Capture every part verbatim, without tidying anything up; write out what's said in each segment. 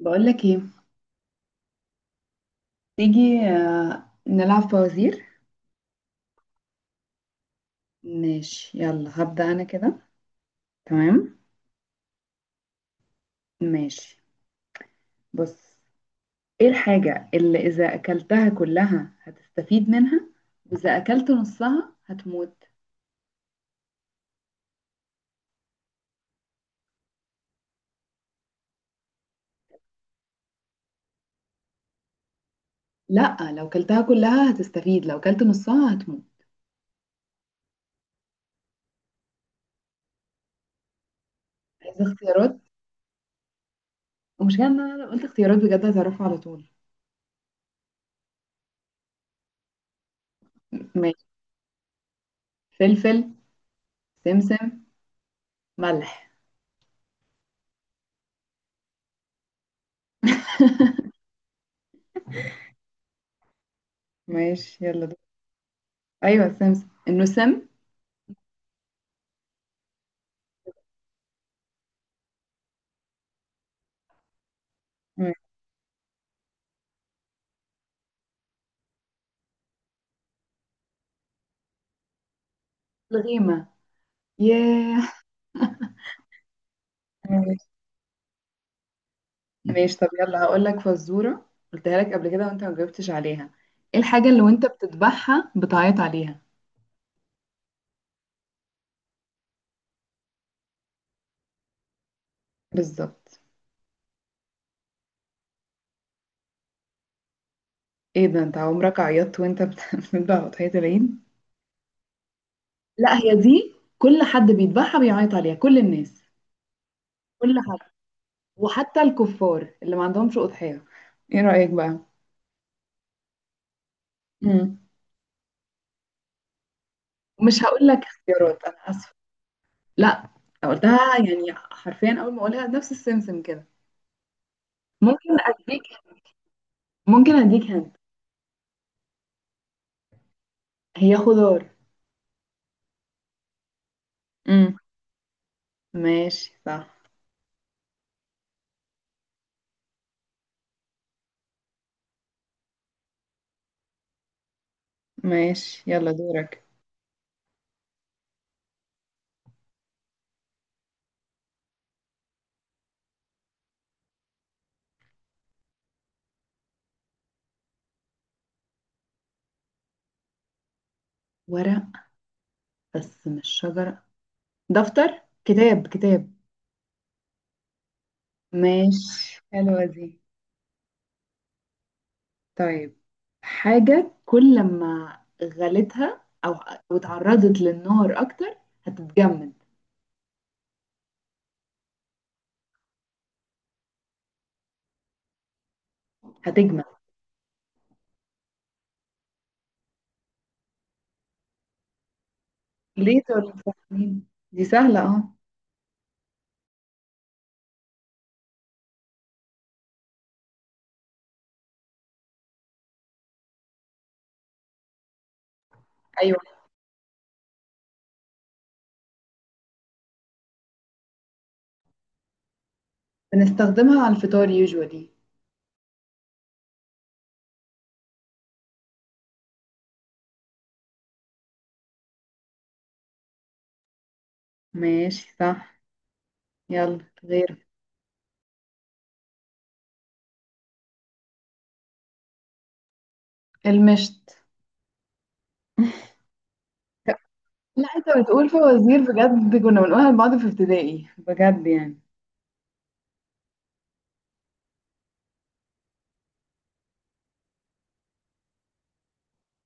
بقولك ايه؟ تيجي آه، نلعب فوازير. ماشي، يلا هبدأ انا كده. تمام. ماشي. بص. ايه الحاجة اللي اذا اكلتها كلها هتستفيد منها واذا اكلت نصها هتموت؟ لا، لو اكلتها كلها هتستفيد، لو اكلت نصها هتموت. عايزة اختيارات؟ ومش ان انا لو قلت اختيارات بجد هتعرفها على طول. ماشي. فلفل، سمسم، ملح. ماشي يلا دول. ايوه، سمسم انه سم. ماشي. الغيمة. ياه. ماشي، طب يلا هقول لك فزورة. قلتها لك قبل كده وانت ما جاوبتش عليها. ايه الحاجة اللي وانت بتذبحها بتعيط عليها؟ بالظبط. ايه ده، انت عمرك عيطت وانت بت- بتذبح اضحية العيد؟ لا، هي دي كل حد بيذبحها بيعيط عليها، كل الناس، كل حد. وحتى الكفار اللي ما عندهمش أضحية، ايه رأيك بقى؟ امم مش هقول لك اختيارات، انا اسفة. لا. أنا قلتها يعني حرفيا، اول ما اقولها نفس السمسم كده. ممكن اديك ممكن اديك هنت. هي خضار. امم ماشي صح. ماشي يلا دورك. ورق، بس مش شجرة. دفتر، كتاب، كتاب. ماشي، حلوة دي. طيب، حاجة كل ما غلتها أو أو اتعرضت للنار أكتر هتتجمد. هتجمد. ليه؟ طول سخنين، دي سهلة. اه، أيوة، بنستخدمها على الفطار يوجوالي. ماشي صح، يلا غير. المشت. لا، انت بتقول فوازير بجد، كنا بنقولها لبعض في ابتدائي بجد يعني.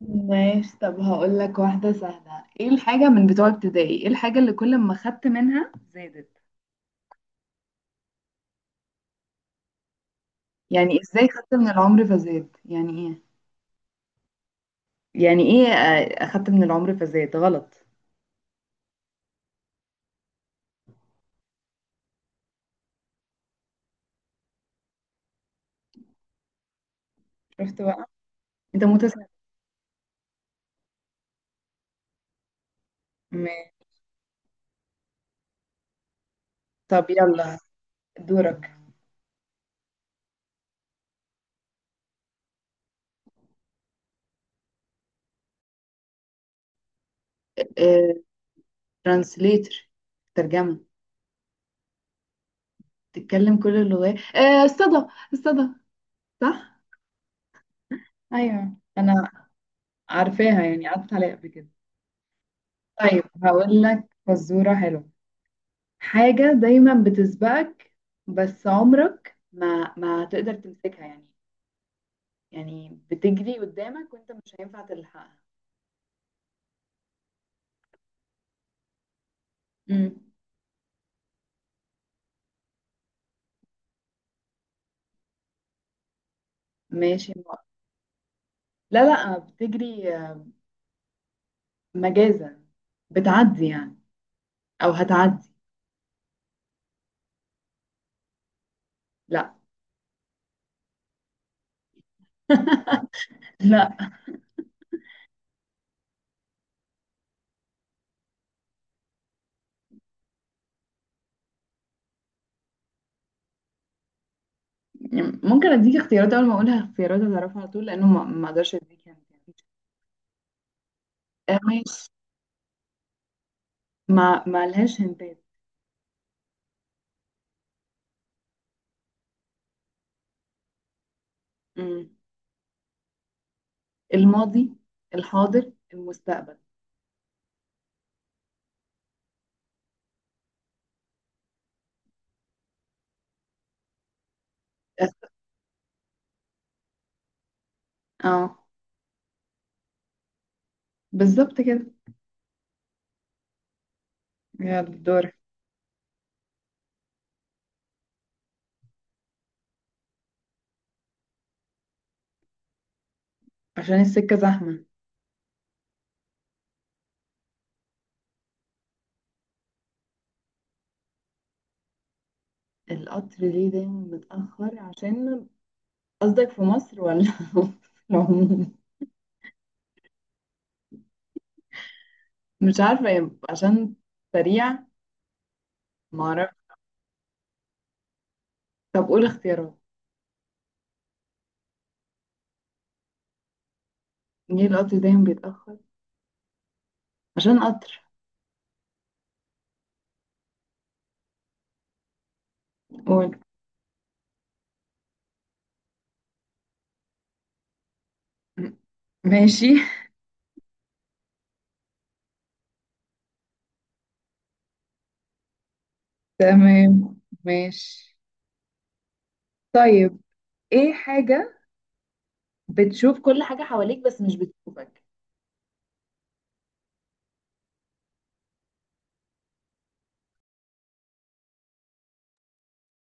ماشي، طب هقول لك واحدة سهلة. ايه الحاجة من بتوع ابتدائي، ايه الحاجة اللي كل ما خدت منها زادت؟ يعني ازاي خدت من العمر فزاد، يعني ايه؟ يعني ايه؟ آه، اخدت من العمر فزاد غلط. شفت بقى، انت متسرع. ماشي، طب يلا دورك. ترانسليتر. ترجمة. تتكلم كل اللغات. آه، الصدى. الصدى، صح. ايوه، انا عارفاها يعني، قعدت عليها قبل كده. طيب هقول لك فزورة حلوة. حاجة دايما بتسبقك، بس عمرك ما ما تقدر تمسكها يعني، يعني بتجري قدامك وانت مش هينفع تلحقها. امم ماشي. م- لا، لا، بتجري، آه، مجازا. بتعدي يعني. او هتعدي. لا. لا. يعني ممكن اديك اختيارات، اول ما اقولها اختيارات هتعرفها على طول، لانه ما ما اقدرش اديك هنت يعني. آه، ماشي، ما ما لهاش هنتات. مم. الماضي، الحاضر، المستقبل. أس- اه، بالظبط كده. يلا دورك. عشان السكة زحمة. القطر ليه دايما متأخر؟ عشان قصدك في مصر ولا في العموم. مش عارفة، يا- عشان سريع، معرفش. طب قول اختيارات. ليه القطر دايما بيتأخر؟ عشان قطر. قول. ماشي. تمام. ماشي. طيب. ايه حاجة بتشوف كل حاجة حواليك بس مش بتشوفك؟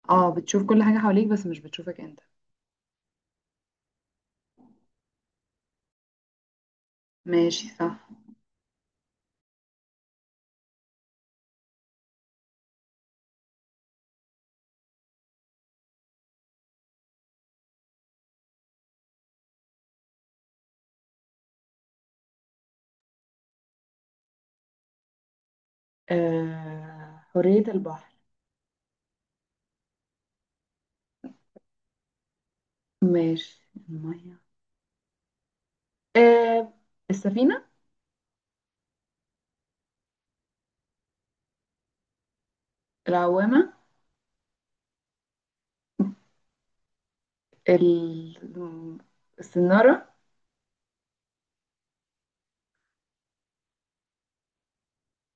اه، بتشوف كل حاجة حواليك بس مش بتشوفك انت. ماشي صح. آه... حرية البحر. ماشي. المية. آه السفينة. العوامة. ال- السنارة.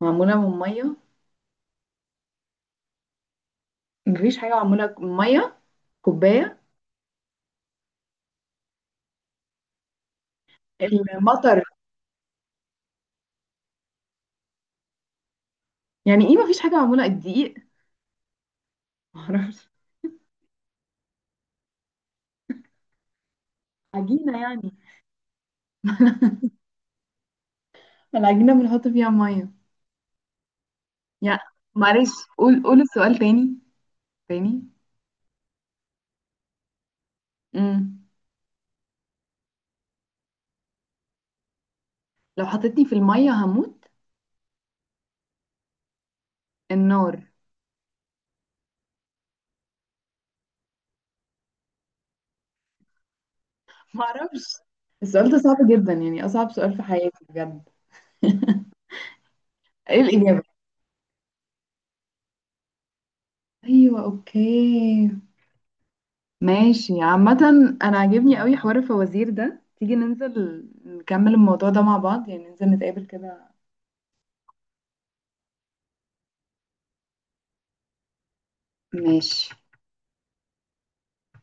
معمولة من مية؟ مفيش حاجة معمولة من مية. كوباية. المطر. يعني ايه مفيش حاجة معمولة؟ الدقيق. معرفش. عجينة يعني. العجينة بنحط فيها مية يعني. معلش، قول، قول السؤال تاني. تاني. امم لو حطيتني في المية هموت. النار. معرفش. السؤال ده صعب جدا يعني، أصعب سؤال في حياتي بجد. ايه الإجابة؟ أيوة أوكي. ماشي عامة، أنا عاجبني قوي حوار الفوازير ده. تيجي ننزل نكمل الموضوع ده مع بعض يعني، ننزل نتقابل كده. ماشي.